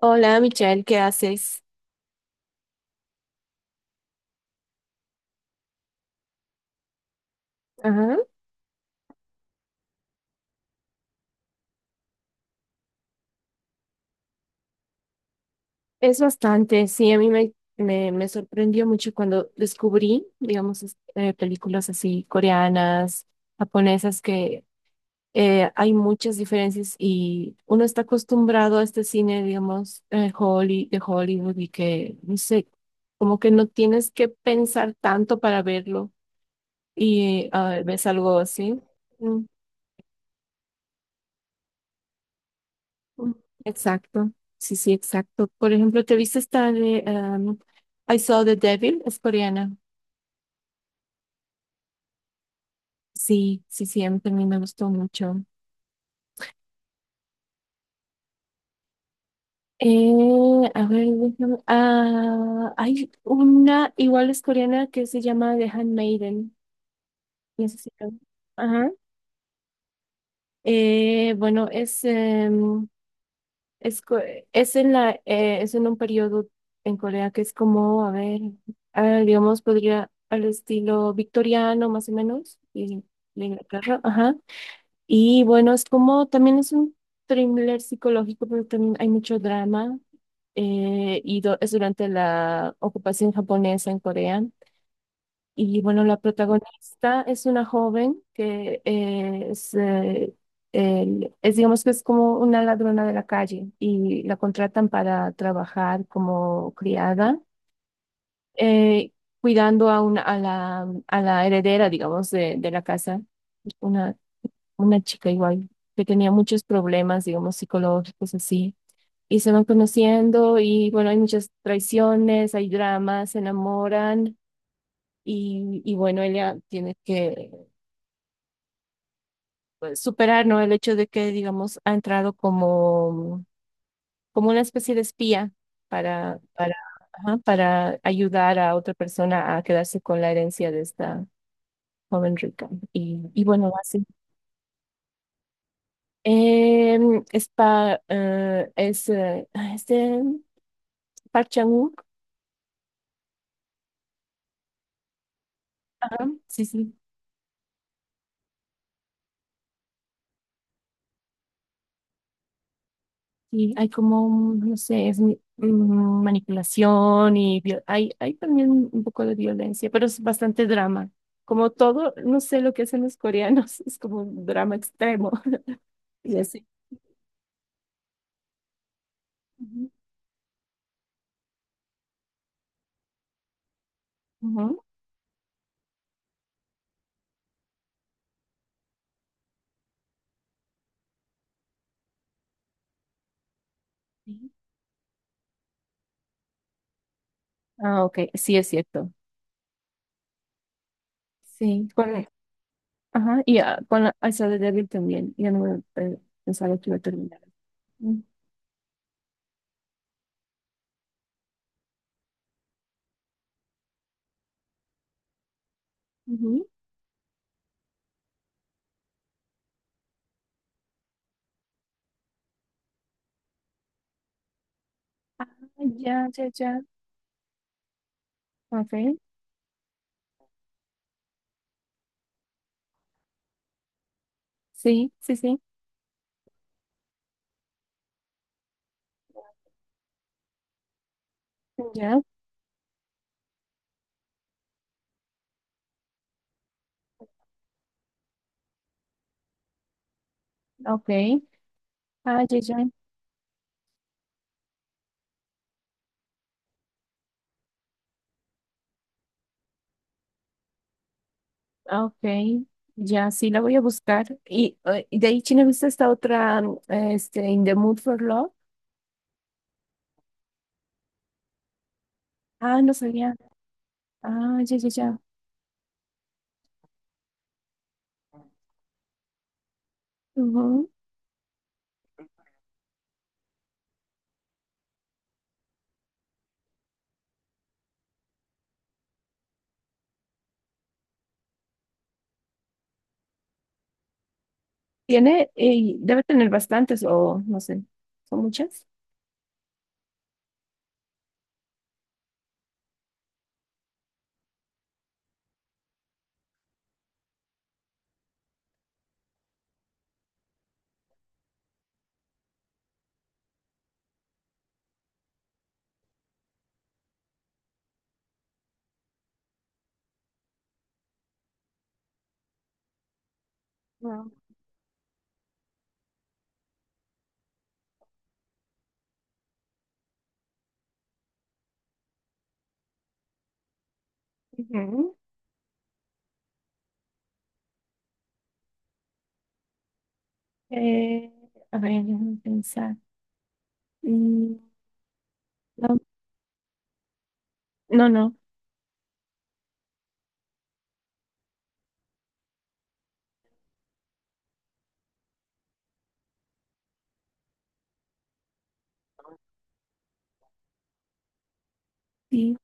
Hola, Michelle, ¿qué haces? Ajá, es bastante, sí, a mí me sorprendió mucho cuando descubrí, digamos, películas así coreanas, japonesas, que hay muchas diferencias y uno está acostumbrado a este cine, digamos, de Hollywood y que, no sé, como que no tienes que pensar tanto para verlo y ves algo así. Mm. Exacto, sí, sí, exacto. Por ejemplo, ¿te viste esta de I Saw the Devil? Es coreana. Sí, sí, sí, a mí también me gustó mucho. A ver, déjame. Ah, hay una igual es coreana que se llama The Handmaiden. No sé si la- ajá. Bueno, Es, co- es en es en un periodo en Corea que es como, a ver, ah, digamos, podría al estilo victoriano más o menos, y de Inglaterra, ajá. Y bueno, es como, también es un thriller psicológico, pero también hay mucho drama, es durante la ocupación japonesa en Corea. Y bueno, la protagonista es una joven que es, digamos que es como una ladrona de la calle y la contratan para trabajar como criada, eh, cuidando a la heredera, digamos, de la casa, una, una chica igual que tenía muchos problemas, digamos, psicológicos así. Y se van conociendo y bueno, hay muchas traiciones, hay dramas, se enamoran. Y bueno, ella tiene que pues, superar, ¿no? El hecho de que, digamos, ha entrado como, como una especie de espía para, para, ajá, para ayudar a otra persona a quedarse con la herencia de esta joven rica. Y bueno, así. Em, es, pa, es este, Park Chan-wook, ajá, sí, sí. Sí, hay como, un, no sé, manipulación y hay, hay también un poco de violencia, pero es bastante drama. Como todo, no sé lo que hacen los coreanos, es como un drama extremo. Y así. Ujú, ujú. Sí. Ah, ok, sí es cierto. Sí. Con, ajá, y ah, con la, esa de Devil también, ya no me pe- pensaba que iba a terminar. Mm, ujú. Ah, ya, ya, ya. Ok, sí, sí, sí, ya, ok. Ah, ya, ya. Ah, ok, ya sí la voy a buscar. Y de ahí, China, ¿viste esta otra, In the Mood for Love? Ah, no sabía. Ah, ya, ya, ya. Ujú. Tiene, debe tener bastantes o no sé, ¿son muchas? No. Ujú. Eh, a ver, déjame pensar. Mm, no, no, no, sí,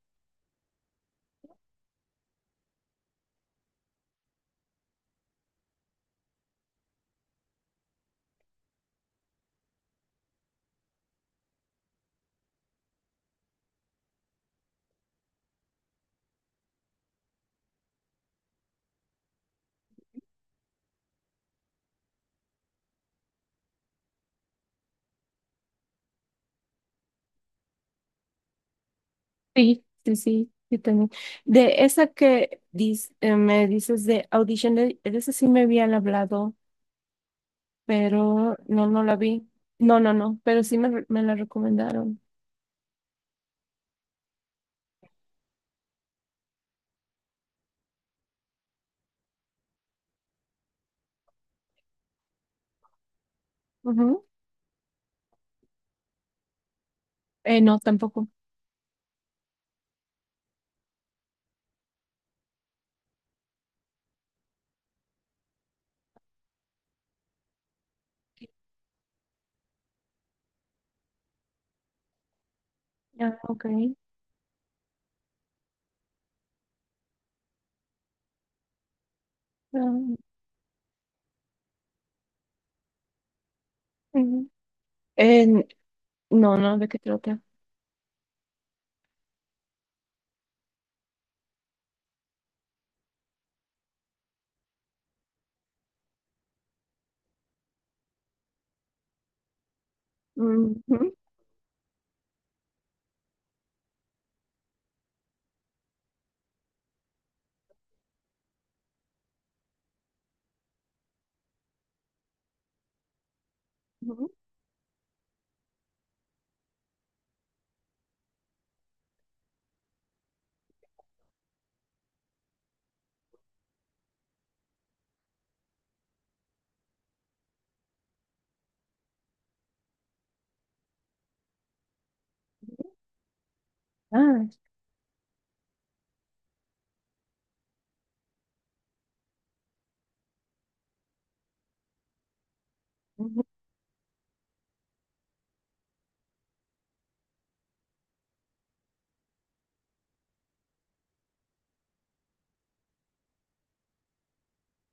sí, sí, sí, sí tenía. De esa que dis- me dices de Audition, de esa sí me habían hablado, pero no, no la vi. No, no, no, pero sí me la recomendaron. Ujú. No, tampoco. Ah, ok. Ah, ujú. En no, no, ¿de qué trata? Ujú, ujú. Ah, ujú.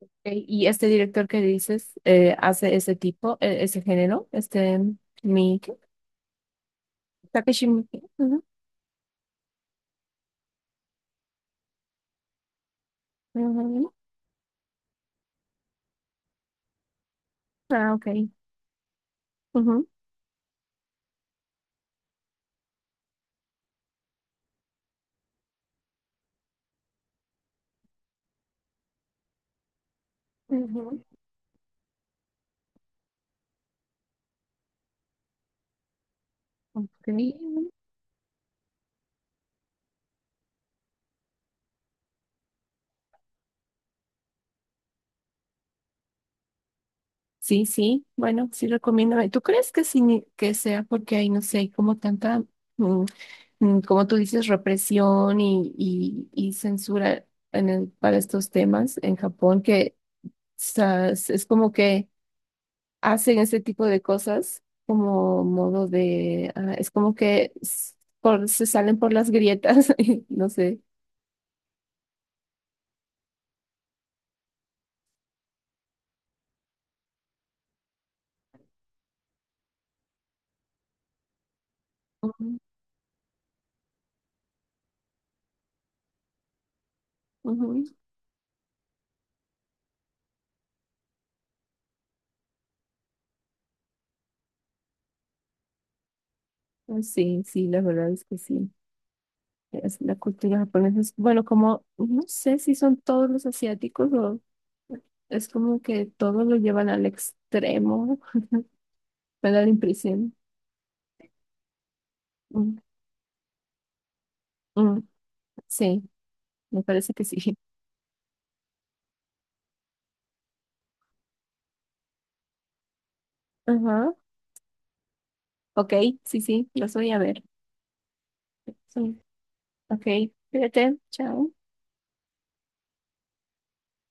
Ok. Y este director que dices hace ese tipo, ese género, este mi ¿qué? Takeshi Miike. Ujú, ujú. Ah, ok. Ujú, ujú. Ok. Sí, sí, bueno, sí recomiendo. ¿Tú crees que sí, que sea porque hay, no sé, como tanta, mm, mm, como tú dices, represión y censura para estos temas en Japón, que o sea, es como que hacen ese tipo de cosas como modo de, ah, es como que s- por, se salen por las grietas, no sé. Ujú, ujú. Ah, sí, sí, la verdad es que sí. Es la cultura japonesa es, bueno, como no sé si son todos los asiáticos o es como que todos lo llevan al extremo, me da la impresión. Mm, mm, sí, me parece que sí. Ajá, ok, sí, sí, lo voy a ver. Sí, ok, cuídate, chao.